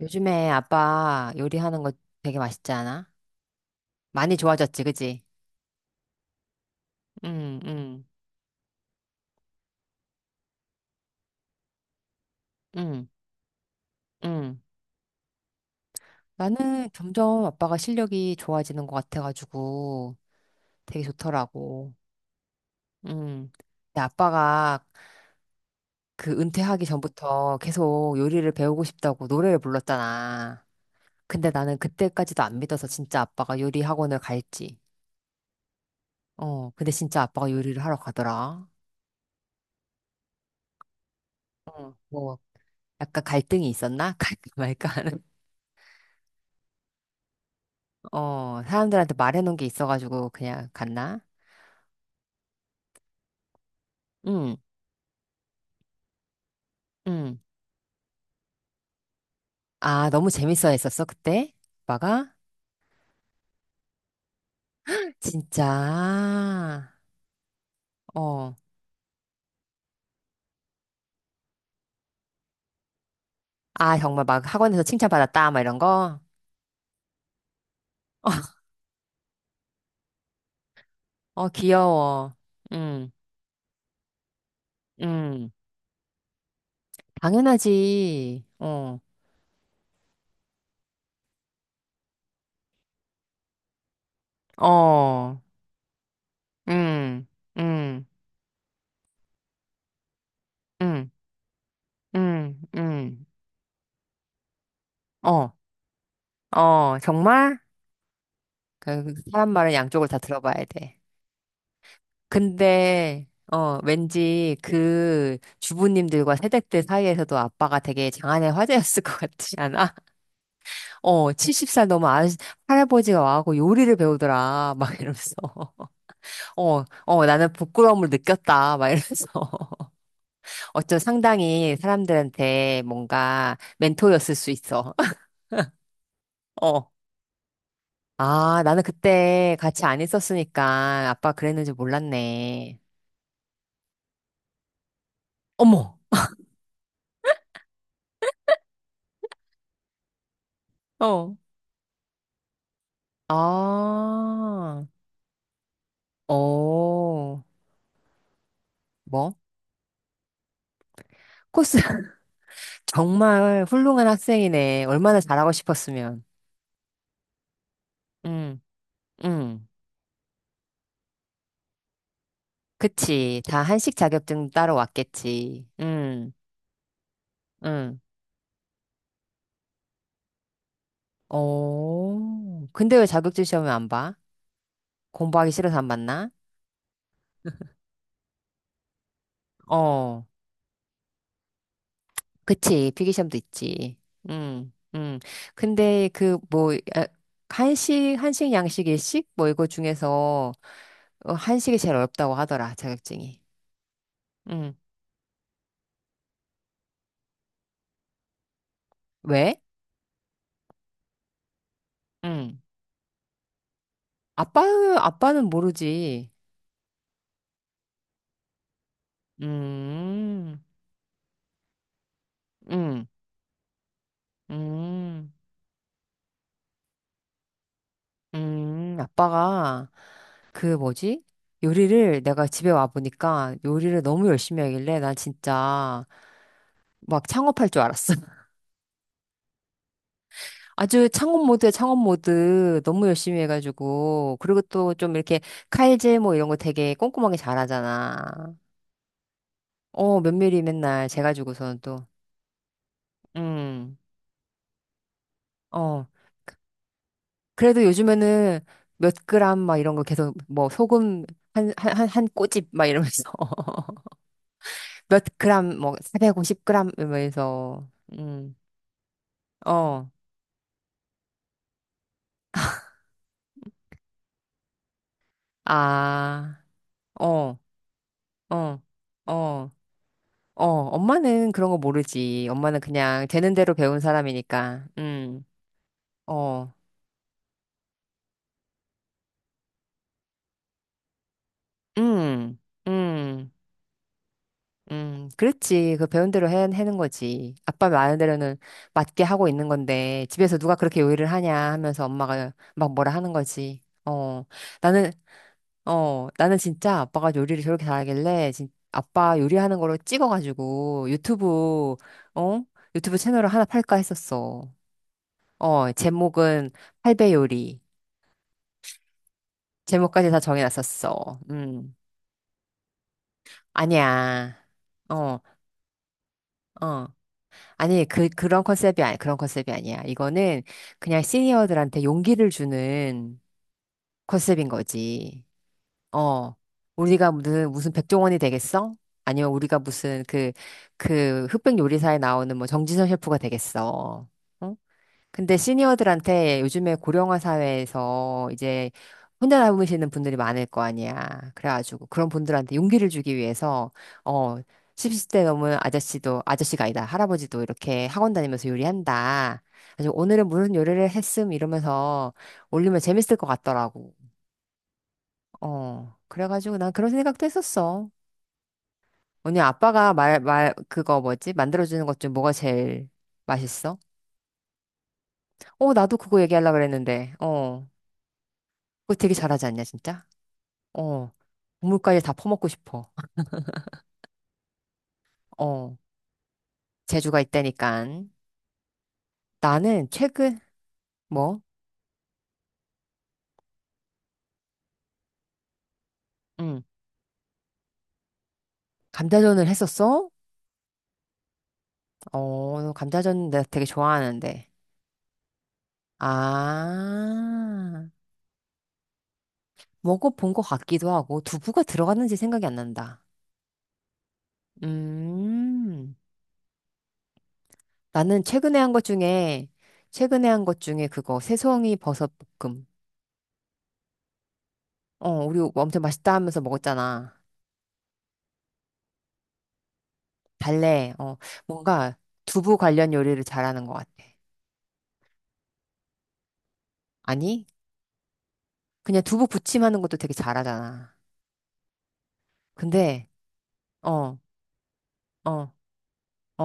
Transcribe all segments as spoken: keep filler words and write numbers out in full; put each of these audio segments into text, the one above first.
요즘에 아빠 요리하는 거 되게 맛있지 않아? 많이 좋아졌지, 그지? 응, 응, 응, 응. 나는 점점 아빠가 실력이 좋아지는 것 같아가지고 되게 좋더라고. 응. 근데 아빠가 그 은퇴하기 전부터 계속 요리를 배우고 싶다고 노래를 불렀잖아. 근데 나는 그때까지도 안 믿어서 진짜 아빠가 요리 학원을 갈지. 어, 근데 진짜 아빠가 요리를 하러 가더라. 어, 뭐, 약간 갈등이 있었나? 갈까 말까 하는. 어, 사람들한테 말해놓은 게 있어가지고 그냥 갔나? 응, 응. 아, 너무 재밌어 했었어, 그때? 오빠가? 진짜. 어. 아, 정말 막 학원에서 칭찬받았다, 막 이런 거? 어, 귀여워. 응, 응. 당연하지. 어, 어, 응, 응, 응, 응, 응. 어, 어, 정말? 그 사람 말은 양쪽을 다 들어봐야 돼. 근데, 어, 왠지 그 주부님들과 세대들 사이에서도 아빠가 되게 장안의 화제였을 것 같지 않아? 어, 칠십 살 넘은 아, 할아버지가 와갖고 요리를 배우더라. 막 이러면서. 어, 어, 나는 부끄러움을 느꼈다. 막 이러면서. 어쩜 상당히 사람들한테 뭔가 멘토였을 수 있어. 어. 아, 나는 그때 같이 안 있었으니까 아빠 그랬는지 몰랐네. 어머! 어. 아. 어, 뭐? 코스 정말 훌륭한 학생이네. 얼마나 잘하고 싶었으면. 응, 응. 그치. 다 한식 자격증 따러 왔겠지. 응, 응. 어, 근데 왜 자격증 시험을 안 봐? 공부하기 싫어서 안 봤나? 어, 그치. 필기시험도 있지. 응, 응. 근데 그 뭐, 아, 한식, 한식, 양식, 일식? 뭐 이거 중에서 어, 한식이 제일 어렵다고 하더라, 자격증이. 응. 왜? 응. 아빠, 아빠는 모르지. 음, 음, 음, 음, 아빠가 그 뭐지? 요리를 내가 집에 와 보니까 요리를 너무 열심히 하길래 난 진짜 막 창업할 줄 알았어. 아주 창업 모드에 창업 모드 너무 열심히 해가지고 그리고 또 좀 이렇게 칼질 뭐 이런 거 되게 꼼꼼하게 잘하잖아. 어, 면밀히 맨날 재가지고서는 또. 음. 어. 그래도 요즘에는 몇 그램 막 이런 거 계속 뭐 소금 한, 한, 한, 한 꼬집 막 이러면서 몇 그램 뭐 사백오십 그램 이러면서 음. 어. 아. 어. 어. 어. 어. 엄마는 그런 거 모르지. 엄마는 그냥 되는 대로 배운 사람이니까. 음. 어. 음. 음. 음, 그렇지. 그 배운 대로 해, 해는 거지. 아빠 말하는 대로는 맞게 하고 있는 건데, 집에서 누가 그렇게 요리를 하냐 하면서 엄마가 막 뭐라 하는 거지. 어, 나는, 어, 나는 진짜 아빠가 요리를 저렇게 잘하길래, 진, 아빠 요리하는 거로 찍어가지고 유튜브, 어? 유튜브 채널을 하나 팔까 했었어. 어, 제목은 팔배 요리. 제목까지 다 정해놨었어. 음, 아니야. 어, 어. 아니, 그, 그런 컨셉이 아니, 그런 컨셉이 아니야. 이거는 그냥 시니어들한테 용기를 주는 컨셉인 거지. 어. 우리가 무슨, 무슨 백종원이 되겠어? 아니면 우리가 무슨 그, 그 흑백 요리사에 나오는 뭐 정지선 셰프가 되겠어. 응? 근데 시니어들한테 요즘에 고령화 사회에서 이제 혼자 남으시는 분들이 많을 거 아니야. 그래가지고 그런 분들한테 용기를 주기 위해서 어 칠십 대 넘은 아저씨도 아저씨가 아니다 할아버지도 이렇게 학원 다니면서 요리한다. 그래서 오늘은 무슨 요리를 했음 이러면서 올리면 재밌을 것 같더라고. 어 그래가지고 난 그런 생각도 했었어. 언니 아빠가 말 말 그거 뭐지 만들어주는 것 중 뭐가 제일 맛있어? 어 나도 그거 얘기하려고 그랬는데. 어 그거 되게 잘하지 않냐, 진짜? 어. 국물까지 다 퍼먹고 싶어. 어. 재주가 있다니까. 나는 최근, 뭐? 응. 감자전을 했었어? 어, 감자전 내가 되게 좋아하는데. 아, 먹어본 것 같기도 하고, 두부가 들어갔는지 생각이 안 난다. 음, 나는 최근에 한 것 중에, 최근에 한 것 중에 그거, 새송이 버섯 볶음. 어, 우리 엄청 맛있다 하면서 먹었잖아. 달래. 어, 뭔가 두부 관련 요리를 잘하는 것 같아. 아니? 그냥 두부 부침하는 것도 되게 잘하잖아. 근데, 어, 어, 어, 어,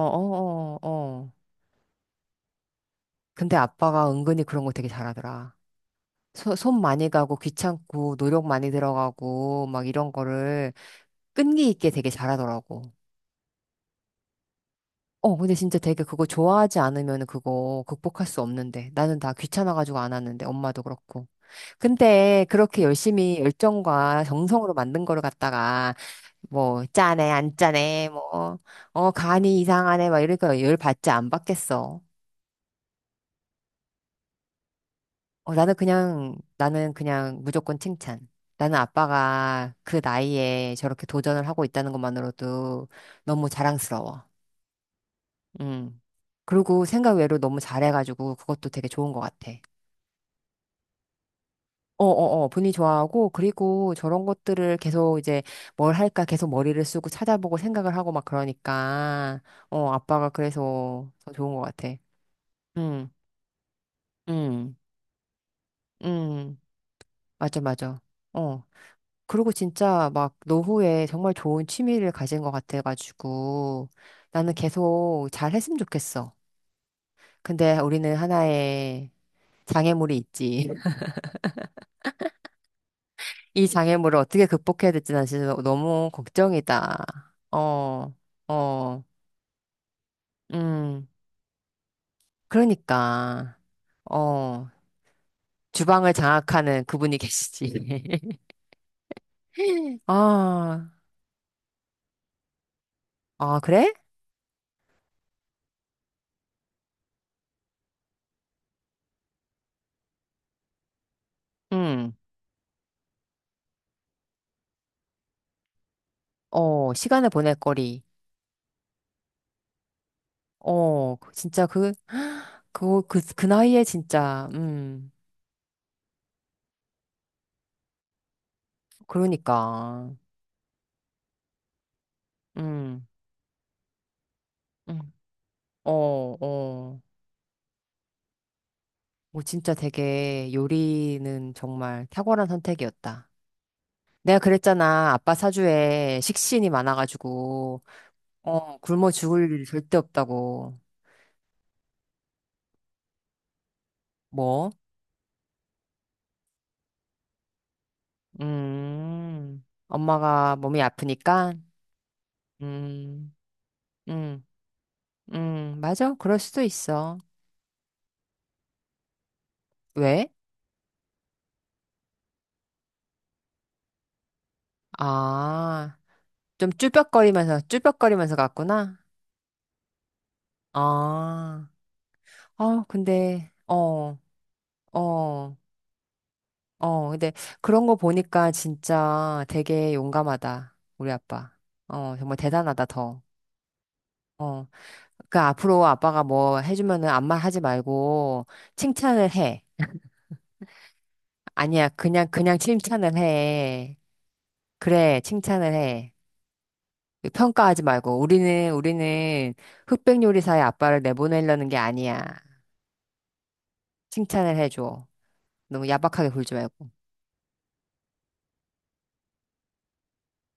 어, 어. 어. 근데 아빠가 은근히 그런 거 되게 잘하더라. 소- 손 많이 가고 귀찮고 노력 많이 들어가고 막 이런 거를 끈기 있게 되게 잘하더라고. 어, 근데 진짜 되게 그거 좋아하지 않으면 그거 극복할 수 없는데. 나는 다 귀찮아가지고 안 하는데, 엄마도 그렇고. 근데 그렇게 열심히 열정과 정성으로 만든 거를 갖다가, 뭐, 짜네, 안 짜네, 뭐, 어, 간이 이상하네, 막 이러니까 열 받지 안 받겠어. 어, 나는 그냥, 나는 그냥 무조건 칭찬. 나는 아빠가 그 나이에 저렇게 도전을 하고 있다는 것만으로도 너무 자랑스러워. 음. 그리고 생각 외로 너무 잘해가지고 그것도 되게 좋은 것 같아. 어어어, 분위 좋아하고, 그리고 저런 것들을 계속 이제 뭘 할까 계속 머리를 쓰고 찾아보고 생각을 하고 막 그러니까, 어, 아빠가 그래서 더 좋은 것 같아. 응, 응, 응, 맞아, 맞아. 어. 그리고 진짜 막 노후에 정말 좋은 취미를 가진 것 같아가지고, 나는 계속 잘 했으면 좋겠어. 근데 우리는 하나의 장애물이 있지. 이 장애물을 어떻게 극복해야 될지 난 진짜 너무 걱정이다. 어, 어, 음, 그러니까, 어, 주방을 장악하는 그분이 계시지. 아, 아, 그래? 응, 어, 시간을 보낼 거리. 어, 그- 진짜 그, 그, 그, 그 나이에 진짜, 음, 그러니까, 음, 음, 어, 어, 뭐 진짜 되게 요리는 정말 탁월한 선택이었다. 내가 그랬잖아. 아빠 사주에 식신이 많아가지고, 어, 굶어 죽을 일 절대 없다고. 뭐? 음, 엄마가 몸이 아프니까? 음, 음, 음, 맞아. 그럴 수도 있어. 왜? 아, 좀 쭈뼛거리면서, 쭈뼛거리면서 갔구나? 아, 아, 근데, 어, 어, 어, 근데 그런 거 보니까 진짜 되게 용감하다. 우리 아빠. 어, 정말 대단하다, 더. 어. 그 앞으로 아빠가 뭐 해주면은 아무 말 하지 말고 칭찬을 해. 아니야, 그냥 그냥 칭찬을 해. 그래, 칭찬을 해. 평가하지 말고 우리는 우리는 흑백 요리사의 아빠를 내보내려는 게 아니야. 칭찬을 해줘. 너무 야박하게 굴지 말고.